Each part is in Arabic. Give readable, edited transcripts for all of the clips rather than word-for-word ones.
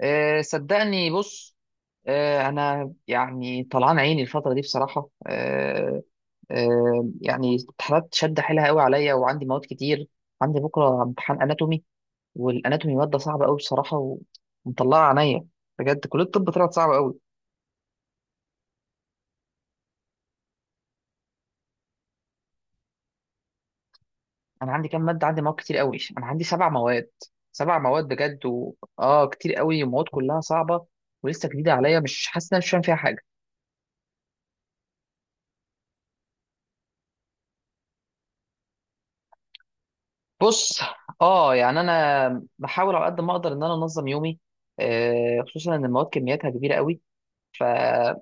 صدقني. بص، انا يعني طلعان عيني الفتره دي بصراحه. أه أه يعني امتحانات شد حيلها قوي عليا، وعندي مواد كتير. عندي بكره امتحان اناتومي، والاناتومي ماده صعبه قوي بصراحه ومطلعه عينيا. بجد كليه الطب طلعت صعبه قوي. انا عندي كام ماده؟ عندي مواد كتير قوي، انا عندي سبع مواد. سبع مواد بجد و... اه كتير قوي، ومواد كلها صعبه ولسه جديده عليا. مش حاسس ان انا مش فاهم فيها حاجه. بص، اه يعني انا بحاول على قد ما اقدر ان انا انظم يومي. خصوصا ان المواد كمياتها كبيره قوي، فبحاول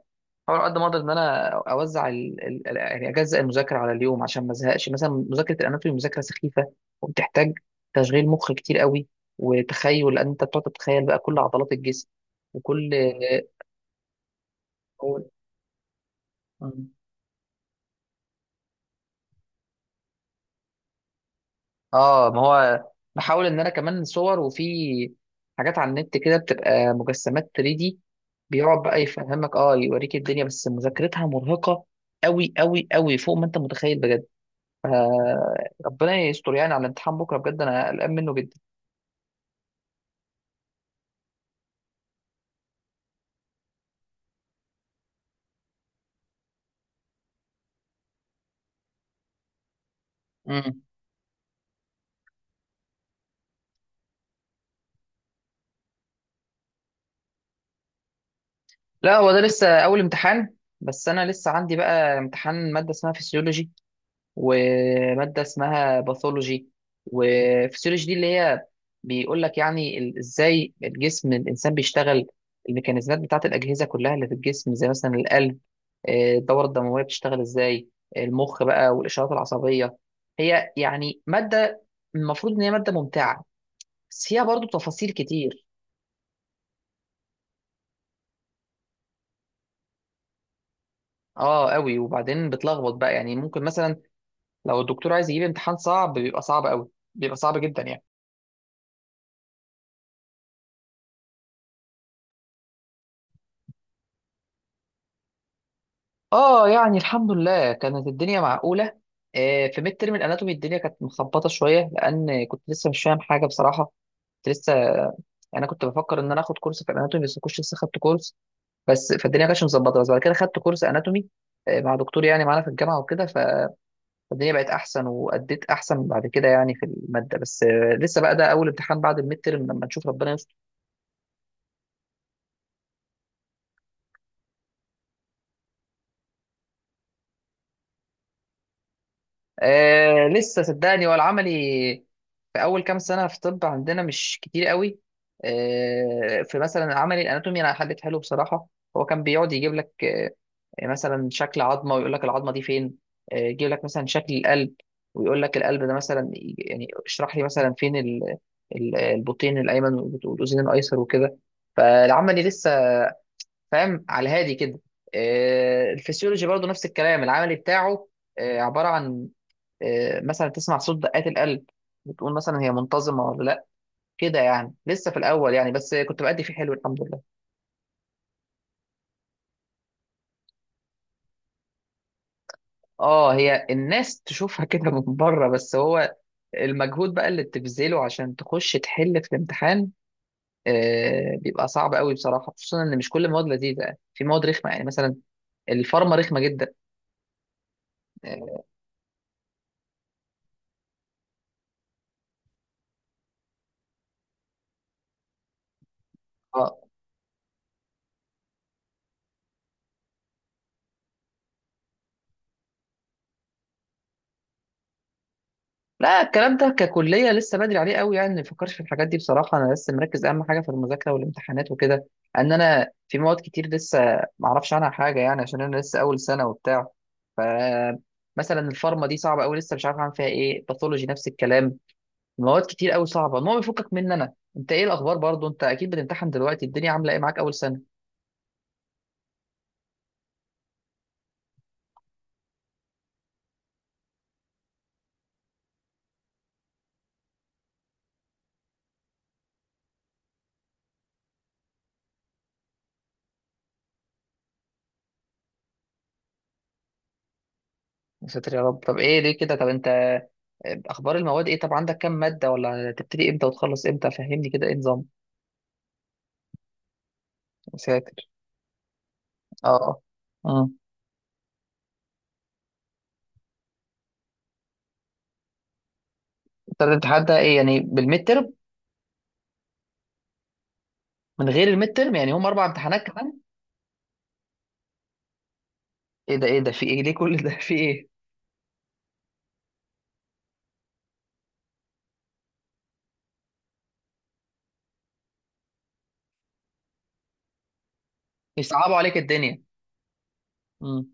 على قد ما اقدر ان انا اوزع يعني اجزأ المذاكره على اليوم عشان ما ازهقش. مثلا مذاكره الاناتومي مذاكره سخيفه، وبتحتاج تشغيل مخ كتير قوي، وتخيل. لان انت بتقعد تتخيل بقى كل عضلات الجسم وكل... قول. اه ما هو بحاول ان انا كمان صور، وفي حاجات على النت كده بتبقى مجسمات 3D دي. بيقعد بقى يفهمك، يوريك الدنيا، بس مذاكرتها مرهقة قوي قوي قوي فوق ما انت متخيل بجد. آه ربنا يستر يعني على الامتحان بكرة، بجد انا قلقان منه جدا. امم لا، هو ده لسه اول امتحان، بس انا لسه عندي بقى امتحان مادة اسمها فيسيولوجي وماده اسمها باثولوجي. وفسيولوجي دي اللي هي بيقول لك يعني ازاي الجسم الانسان بيشتغل، الميكانيزمات بتاعه الاجهزه كلها اللي في الجسم، زي مثلا القلب. الدوره الدمويه بتشتغل ازاي، المخ بقى والاشارات العصبيه. هي يعني ماده المفروض ان هي ماده ممتعه، بس فيها برضو تفاصيل كتير. اه قوي. وبعدين بتلخبط بقى، يعني ممكن مثلا لو الدكتور عايز يجيب امتحان صعب بيبقى صعب قوي، بيبقى صعب جدا يعني. اه، يعني الحمد لله كانت الدنيا معقولة. في ميد ترم الاناتومي الدنيا كانت مخبطة شوية، لان كنت لسه مش فاهم حاجة بصراحة. كنت لسه يعني انا كنت بفكر ان انا اخد كورس في الاناتومي، بس ما كنتش لسه خدت كورس. بس فالدنيا ما كانتش مظبطة، بس بعد كده خدت كورس اناتومي مع دكتور يعني معانا في الجامعة وكده. فالدنيا بقت احسن واديت احسن بعد كده يعني في المادة. بس لسه بقى ده اول امتحان بعد الميد ترم، لما نشوف ربنا يستر. لسه صدقني. والعملي في اول كام سنه في طب عندنا مش كتير قوي. في مثلا عملي الاناتومي، انا حليت حلو بصراحه. هو كان بيقعد يجيب لك مثلا شكل عظمه ويقول لك العظمه دي فين. يجيب لك مثلا شكل القلب ويقول لك القلب ده، مثلا يعني اشرح لي مثلا فين البطين الايمن والاذين الايسر وكده. فالعملي لسه فاهم على هادي كده. الفسيولوجي برضه نفس الكلام، العملي بتاعه عباره عن مثلا تسمع صوت دقات القلب، بتقول مثلا هي منتظمه ولا لا. كده يعني لسه في الاول يعني، بس كنت بأدي فيه حلو الحمد لله. اه، هي الناس تشوفها كده من بره، بس هو المجهود بقى اللي بتبذله عشان تخش تحل في الامتحان بيبقى صعب قوي بصراحه، خصوصا ان مش كل المواد لذيذه يعني، في مواد رخمه يعني مثلا الفارما رخمه جدا. اه لا، الكلام ده ككلية لسه بدري عليه قوي، يعني ما بفكرش في الحاجات دي بصراحة. أنا لسه مركز أهم حاجة في المذاكرة والامتحانات وكده. إن أنا في مواد كتير لسه ما أعرفش عنها حاجة، يعني عشان أنا لسه أول سنة وبتاع. ف مثلا الفارما دي صعبة قوي، لسه مش عارف أعمل فيها إيه. باثولوجي نفس الكلام، مواد كتير قوي صعبة. المهم بيفكك مني أنا، أنت إيه الأخبار؟ برضو أنت أكيد بتمتحن دلوقتي، الدنيا عاملة إيه معاك؟ أول سنة. يا ساتر يا رب، طب إيه ليه كده؟ طب أنت أخبار المواد إيه؟ طب عندك كام مادة؟ ولا تبتدي إمتى وتخلص إمتى؟ فهمني كده إيه نظام. اه. امم انت بتتحدى ايه يعني بالميد ترم؟ من غير الميد ترم، يعني هم اربع امتحانات كمان؟ ايه ده؟ ايه ده؟ في ايه؟ ليه كل ده؟ في ايه؟ يصعبوا عليك الدنيا. امم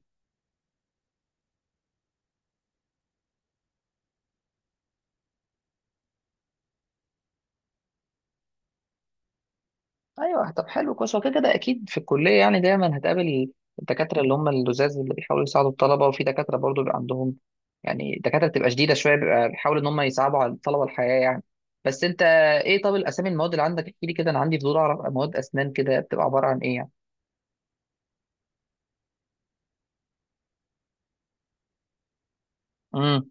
ايوه. طب حلو كويس. هو كده كده اكيد في الكليه، يعني دايما هتقابل الدكاتره اللي هم اللزاز اللي بيحاولوا يساعدوا الطلبه، وفي دكاتره برضو بيبقى عندهم، يعني الدكاتره بتبقى شديده شويه، بيبقى بيحاولوا ان هم يصعبوا على الطلبه الحياه يعني. بس انت ايه؟ طب الاسامي المواد اللي عندك احكي لي كده، انا عندي فضول اعرف مواد اسنان كده بتبقى عباره عن ايه يعني. امم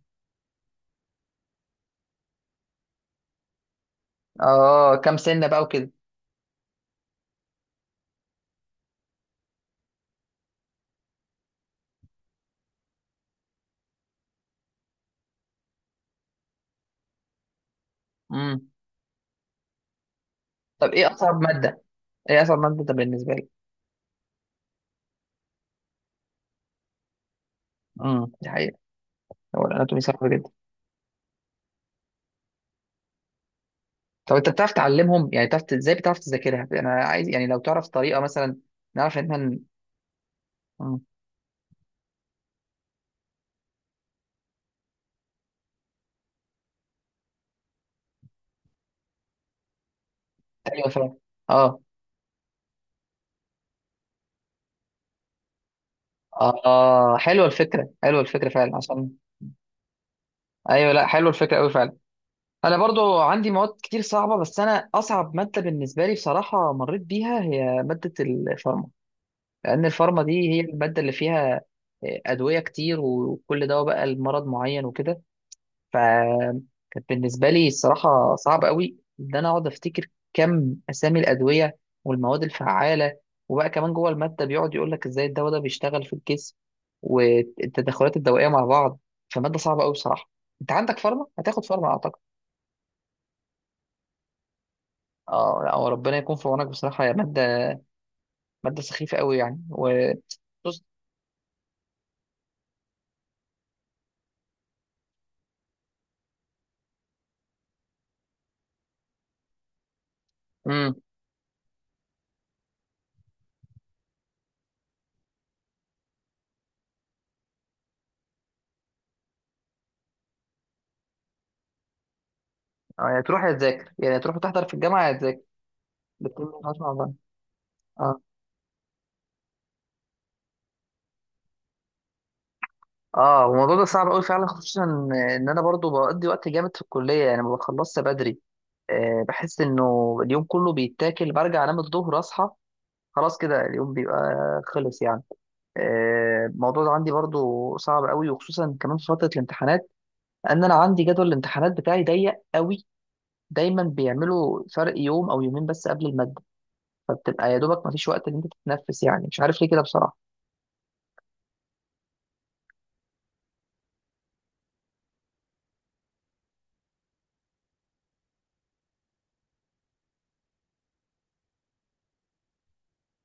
اه، كام سنه بقى وكده. امم طب ايه اصعب ماده؟ ايه اصعب ماده ده بالنسبه لي؟ دي حقيقه، هو الاناتومي صعب جدا. طب انت بتعرف تعلمهم؟ يعني بتعرف ازاي بتعرف تذاكرها؟ انا عايز يعني لو تعرف طريقه مثلا نعرف ان احنا مم. ايوه فعلا. اه. اه، حلوه الفكره، حلوه الفكره فعلا عشان... ايوه لا، حلوه الفكره قوي فعلا. انا برضو عندي مواد كتير صعبه، بس انا اصعب ماده بالنسبه لي بصراحه مريت بيها هي ماده الفارما. لان الفارما دي هي الماده اللي فيها ادويه كتير، وكل دواء بقى لمرض معين وكده. فكانت بالنسبة لي الصراحة صعب قوي إن أنا أقعد أفتكر كم أسامي الأدوية والمواد الفعالة. وبقى كمان جوه المادة بيقعد يقول لك إزاي الدواء ده بيشتغل في الجسم، والتدخلات الدوائية مع بعض. فمادة صعبة قوي بصراحة. أنت عندك فارما؟ هتاخد فارما أعتقد. أه لا، هو ربنا يكون في عونك بصراحة، يا مادة، مادة سخيفة قوي يعني. و... بص. امم يعني تروح يا تذاكر، يعني تروح تحضر في الجامعة يا تذاكر، بتكون ملهاش مع بعض. اه. اه، هو الموضوع ده صعب قوي فعلا، خصوصا ان انا برضو بقضي وقت جامد في الكليه يعني ما بخلصش بدري. بحس انه اليوم كله بيتاكل، برجع انام الظهر اصحى خلاص كده اليوم بيبقى خلص يعني. الموضوع ده عندي برضو صعب قوي، وخصوصا كمان في فتره الامتحانات، ان انا عندي جدول الامتحانات بتاعي ضيق قوي. دايما بيعملوا فرق يوم او يومين بس قبل الماده، فبتبقى يا دوبك ما فيش وقت ان انت تتنفس. يعني مش عارف ليه كده بصراحه.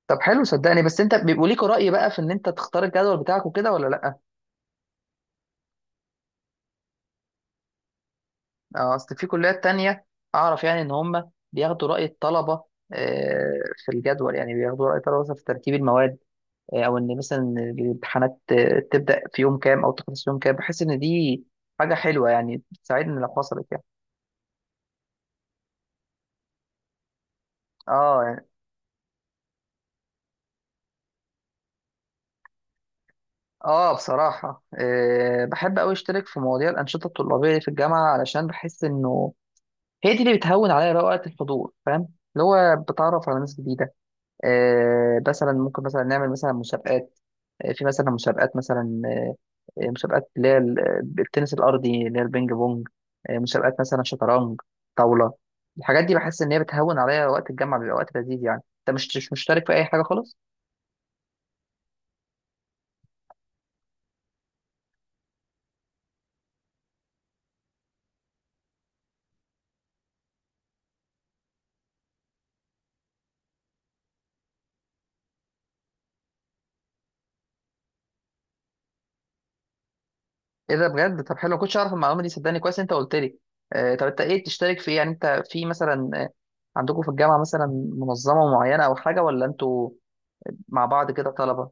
طب حلو صدقني. بس انت بيبقوا ليك رأي بقى في ان انت تختار الجدول بتاعك وكده ولا لا؟ اصل في كليات تانية اعرف يعني ان هم بياخدوا رأي الطلبة آه، في الجدول، يعني بياخدوا رأي الطلبة مثلا في ترتيب المواد او ان مثلا الامتحانات تبدأ في يوم كام او تخلص في يوم كام. بحس ان دي حاجة حلوة، يعني بتساعدني لو حصلت يعني. اه يعني. اه بصراحة بحب قوي اشترك في مواضيع الأنشطة الطلابية اللي في الجامعة، علشان بحس انه هي دي اللي بتهون عليا بقى وقت الحضور فاهم. اللي هو بتعرف على ناس جديدة مثلا ممكن مثلا نعمل مثلا مسابقات في مثلا مسابقات مثلا مسابقات اللي هي التنس الأرضي اللي هي البينج بونج مسابقات مثلا شطرنج، طاولة. الحاجات دي بحس إن هي بتهون عليا وقت الجامعة، بيبقى وقت لذيذ يعني. أنت مش مشترك في أي حاجة خالص؟ إيه ده بجد؟ طب حلو، ما كنتش أعرف المعلومة دي صدقني، كويس أنت قلت لي. طب أنت إيه بتشترك في إيه؟ يعني أنت في مثلا عندكم في الجامعة مثلا منظمة معينة أو حاجة، ولا أنتوا مع بعض كده طلبة؟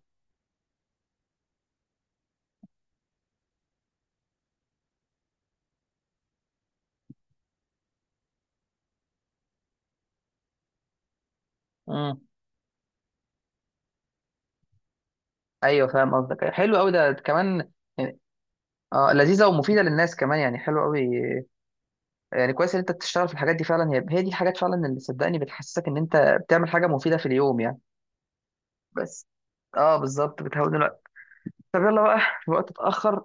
ايوه فاهم قصدك. أيوة، حلو قوي ده كمان. يعني اه، لذيذه ومفيده للناس كمان، يعني حلو قوي. يعني كويس ان انت بتشتغل في الحاجات دي فعلا. هي هي دي الحاجات فعلا اللي صدقني بتحسسك ان انت بتعمل حاجه مفيده في اليوم يعني. بس اه، بالظبط بتهون الوقت. طب يلا بقى، الوقت اتاخر.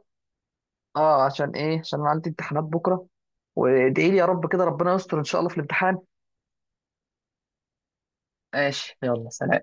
اه عشان ايه؟ عشان أنا عندي امتحانات بكره. وادعي لي يا رب كده، ربنا يستر ان شاء الله في الامتحان. ماشي يلا سلام.